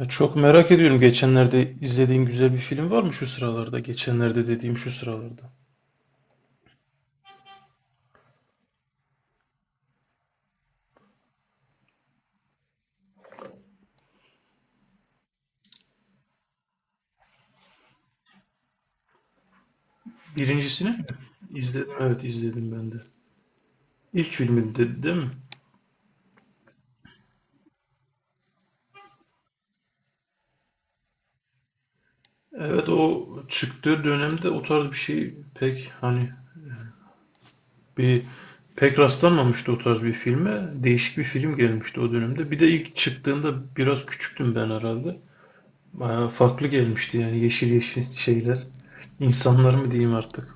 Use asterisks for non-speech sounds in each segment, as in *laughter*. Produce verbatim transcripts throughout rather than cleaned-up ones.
Ya, çok merak ediyorum. Geçenlerde izlediğin güzel bir film var mı şu sıralarda? Geçenlerde dediğim şu sıralarda. Birincisini mi? İzledim. Evet, izledim ben de. İlk filmi dedi değil mi? Evet, o çıktığı dönemde o tarz bir şey pek hani bir pek rastlanmamıştı o tarz bir filme. Değişik bir film gelmişti o dönemde. Bir de ilk çıktığında biraz küçüktüm ben herhalde. Bayağı farklı gelmişti yani yeşil yeşil şeyler. İnsanlar mı diyeyim artık.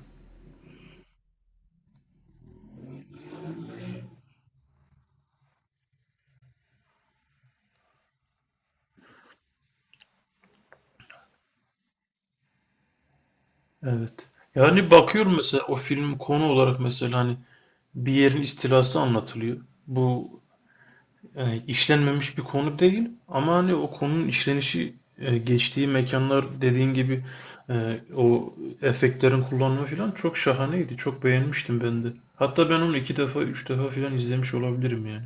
Evet. Yani bakıyorum mesela o film konu olarak mesela hani bir yerin istilası anlatılıyor. Bu e, işlenmemiş bir konu değil ama hani o konunun işlenişi e, geçtiği mekanlar dediğin gibi e, o efektlerin kullanımı falan çok şahaneydi. Çok beğenmiştim ben de. Hatta ben onu iki defa, üç defa falan izlemiş olabilirim yani.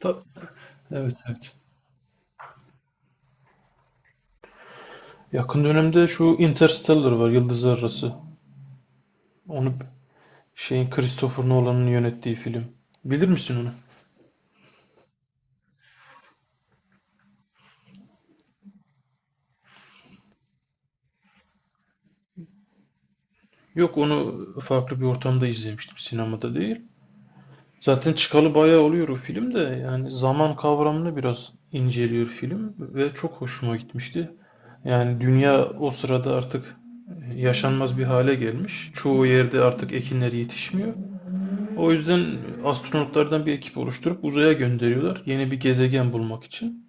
Ta- evet, evet. Yakın dönemde şu Interstellar var, Yıldızlar Arası. Onu şeyin Christopher Nolan'ın yönettiği film. Bilir misin onu? Yok, onu farklı bir ortamda izlemiştim. Sinemada değil. Zaten çıkalı bayağı oluyor o film de, yani zaman kavramını biraz inceliyor film ve çok hoşuma gitmişti. Yani dünya o sırada artık yaşanmaz bir hale gelmiş. Çoğu yerde artık ekinler yetişmiyor. O yüzden astronotlardan bir ekip oluşturup uzaya gönderiyorlar yeni bir gezegen bulmak için.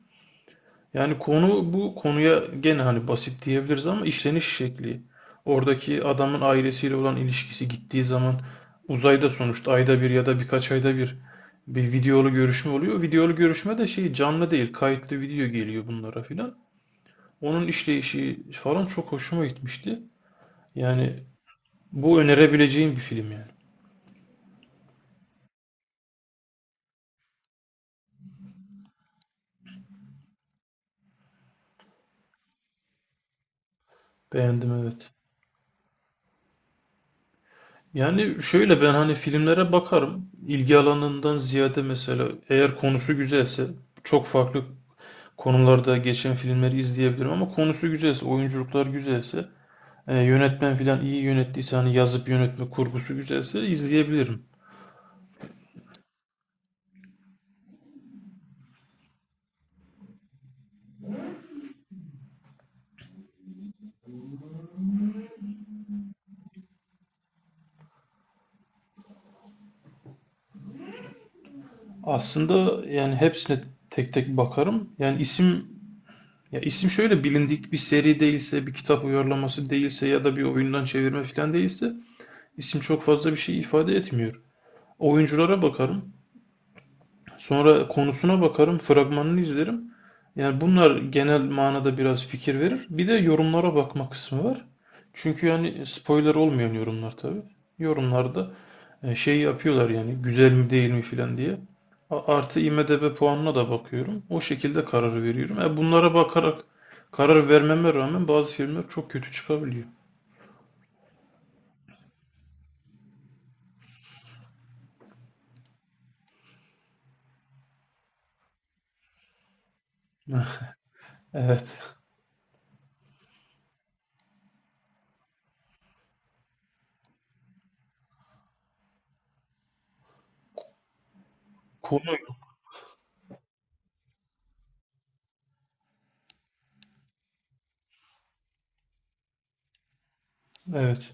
Yani konu, bu konuya gene hani basit diyebiliriz ama işleniş şekli. Oradaki adamın ailesiyle olan ilişkisi, gittiği zaman uzayda sonuçta ayda bir ya da birkaç ayda bir bir videolu görüşme oluyor. Videolu görüşme de şey, canlı değil, kayıtlı video geliyor bunlara filan. Onun işleyişi falan çok hoşuma gitmişti. Yani bu önerebileceğim bir film yani. Beğendim, evet. Yani şöyle, ben hani filmlere bakarım. İlgi alanından ziyade mesela eğer konusu güzelse çok farklı konularda geçen filmleri izleyebilirim ama konusu güzelse, oyunculuklar güzelse, e, yönetmen filan iyi yönettiyse, hani yazıp yönetme kurgusu güzelse izleyebilirim. Aslında yani hepsine tek tek bakarım. Yani isim, ya isim şöyle bilindik bir seri değilse, bir kitap uyarlaması değilse ya da bir oyundan çevirme filan değilse isim çok fazla bir şey ifade etmiyor. Oyunculara bakarım. Sonra konusuna bakarım, fragmanını izlerim. Yani bunlar genel manada biraz fikir verir. Bir de yorumlara bakma kısmı var. Çünkü yani spoiler olmayan yorumlar tabii. Yorumlarda e, şey yapıyorlar yani, güzel mi değil mi filan diye. A- Artı, I M D B puanına da bakıyorum. O şekilde kararı veriyorum. E bunlara bakarak karar vermeme rağmen bazı filmler çok kötü çıkabiliyor. *laughs* Evet. Konu, evet.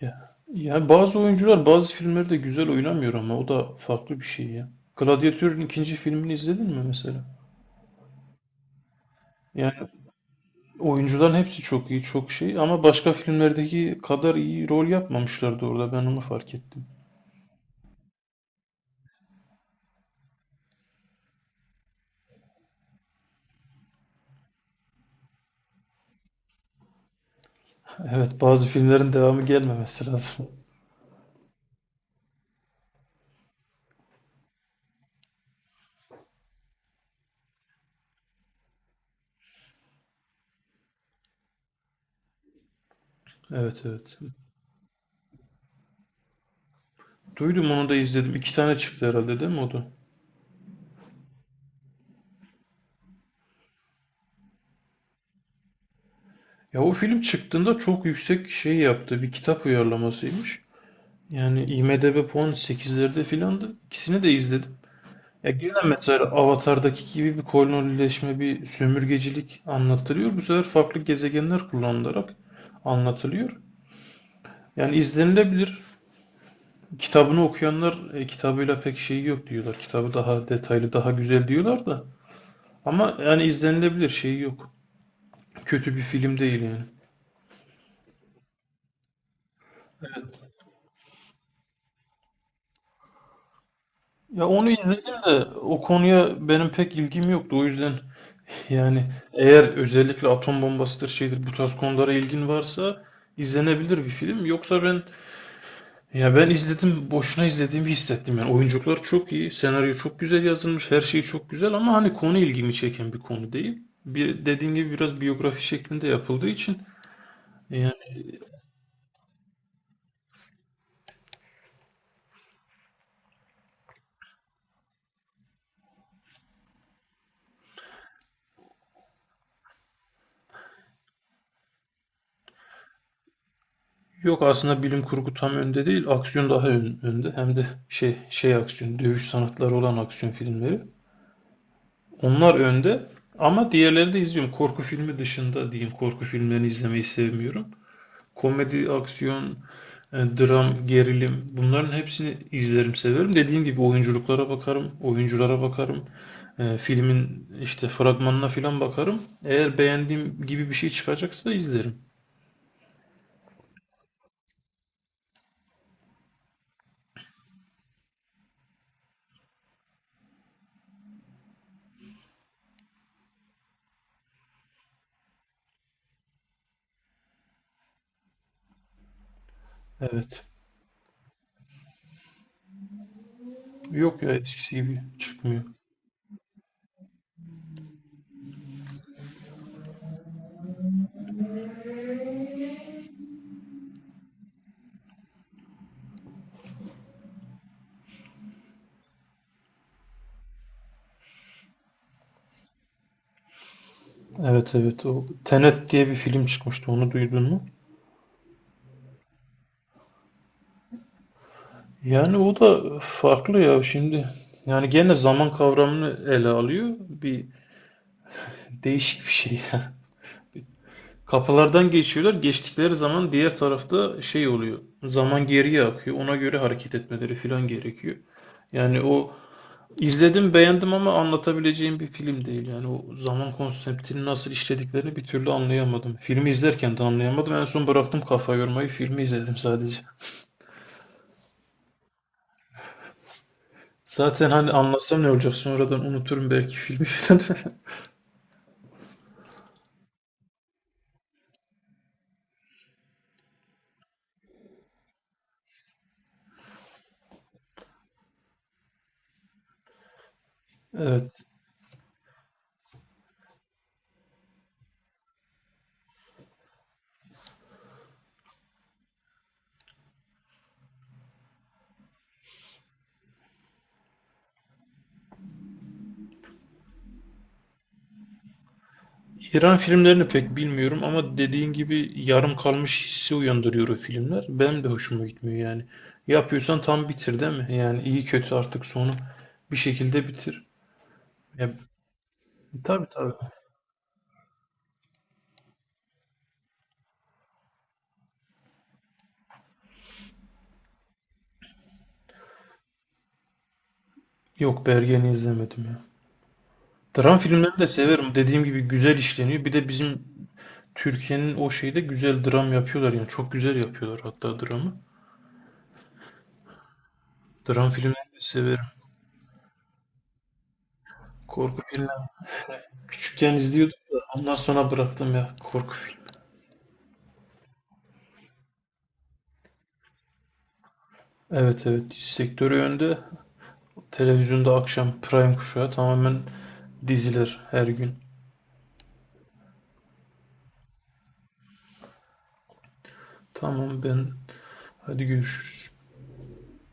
Ya, ya bazı oyuncular bazı filmleri de güzel oynamıyor ama o da farklı bir şey ya. Gladiatör'ün ikinci filmini izledin mi mesela? Yani oyuncuların hepsi çok iyi, çok şey, ama başka filmlerdeki kadar iyi rol yapmamışlardı orada, ben onu fark ettim. Evet, bazı filmlerin devamı gelmemesi lazım. *laughs* Evet, evet. Duydum, onu da izledim. İki tane çıktı herhalde değil mi o da? Ya, o film çıktığında çok yüksek şey yaptı. Bir kitap uyarlamasıymış. Yani I M D B puan sekizlerde filandı. İkisini de izledim. Ya gene mesela Avatar'daki gibi bir kolonileşme, bir sömürgecilik anlatılıyor. Bu sefer farklı gezegenler kullanılarak anlatılıyor. Yani izlenilebilir. Kitabını okuyanlar e, kitabıyla pek şeyi yok diyorlar. Kitabı daha detaylı, daha güzel diyorlar da. Ama yani izlenilebilir, şeyi yok. Kötü bir film değil yani. Ya, onu izledim de o konuya benim pek ilgim yoktu. O yüzden *laughs* yani eğer özellikle atom bombasıdır şeydir, bu tarz konulara ilgin varsa izlenebilir bir film. Yoksa ben, ya ben izledim, boşuna izlediğimi hissettim yani. Oyunculuklar çok iyi, senaryo çok güzel yazılmış, her şey çok güzel ama hani konu, ilgimi çeken bir konu değil. Bir, dediğin gibi biraz biyografi şeklinde yapıldığı için yani. Yok, aslında bilim kurgu tam önde değil, aksiyon daha ön- önde. Hem de şey şey aksiyon, dövüş sanatları olan aksiyon filmleri. Onlar önde ama diğerleri de izliyorum. Korku filmi dışında diyeyim, korku filmlerini izlemeyi sevmiyorum. Komedi, aksiyon, E, dram, gerilim, bunların hepsini izlerim, severim. Dediğim gibi oyunculuklara bakarım, oyunculara bakarım. E, filmin işte fragmanına filan bakarım. Eğer beğendiğim gibi bir şey çıkacaksa izlerim. Evet. Yok ya, eskisi gibi çıkmıyor. Evet, evet, o Tenet diye bir film çıkmıştı, onu duydun mu? Yani o da farklı ya şimdi. Yani gene zaman kavramını ele alıyor. Bir değişik bir şey. *laughs* Kapılardan geçiyorlar. Geçtikleri zaman diğer tarafta şey oluyor, zaman geriye akıyor. Ona göre hareket etmeleri falan gerekiyor. Yani o, izledim, beğendim ama anlatabileceğim bir film değil. Yani o zaman konseptini nasıl işlediklerini bir türlü anlayamadım. Filmi izlerken de anlayamadım. En son bıraktım kafa yormayı. Filmi izledim sadece. Zaten hani anlatsam ne olacak? Sonradan unuturum belki filmi falan. *laughs* Evet. İran filmlerini pek bilmiyorum ama dediğin gibi yarım kalmış hissi uyandırıyor o filmler. Benim de hoşuma gitmiyor yani. Yapıyorsan tam bitir değil mi? Yani iyi kötü artık sonu bir şekilde bitir. Ya, tabii, tabii. Yok, Bergen'i izlemedim ya. Dram filmlerini de severim. Dediğim gibi güzel işleniyor. Bir de bizim Türkiye'nin o şeyde güzel dram yapıyorlar yani. Çok güzel yapıyorlar hatta dramı. Dram filmlerini de severim. Korku filmleri. Küçükken izliyordum da ondan sonra bıraktım ya korku filmi. Evet, evet, sektörü önde. Televizyonda akşam prime kuşağı tamamen diziler, her gün. Tamam, ben, hadi görüşürüz.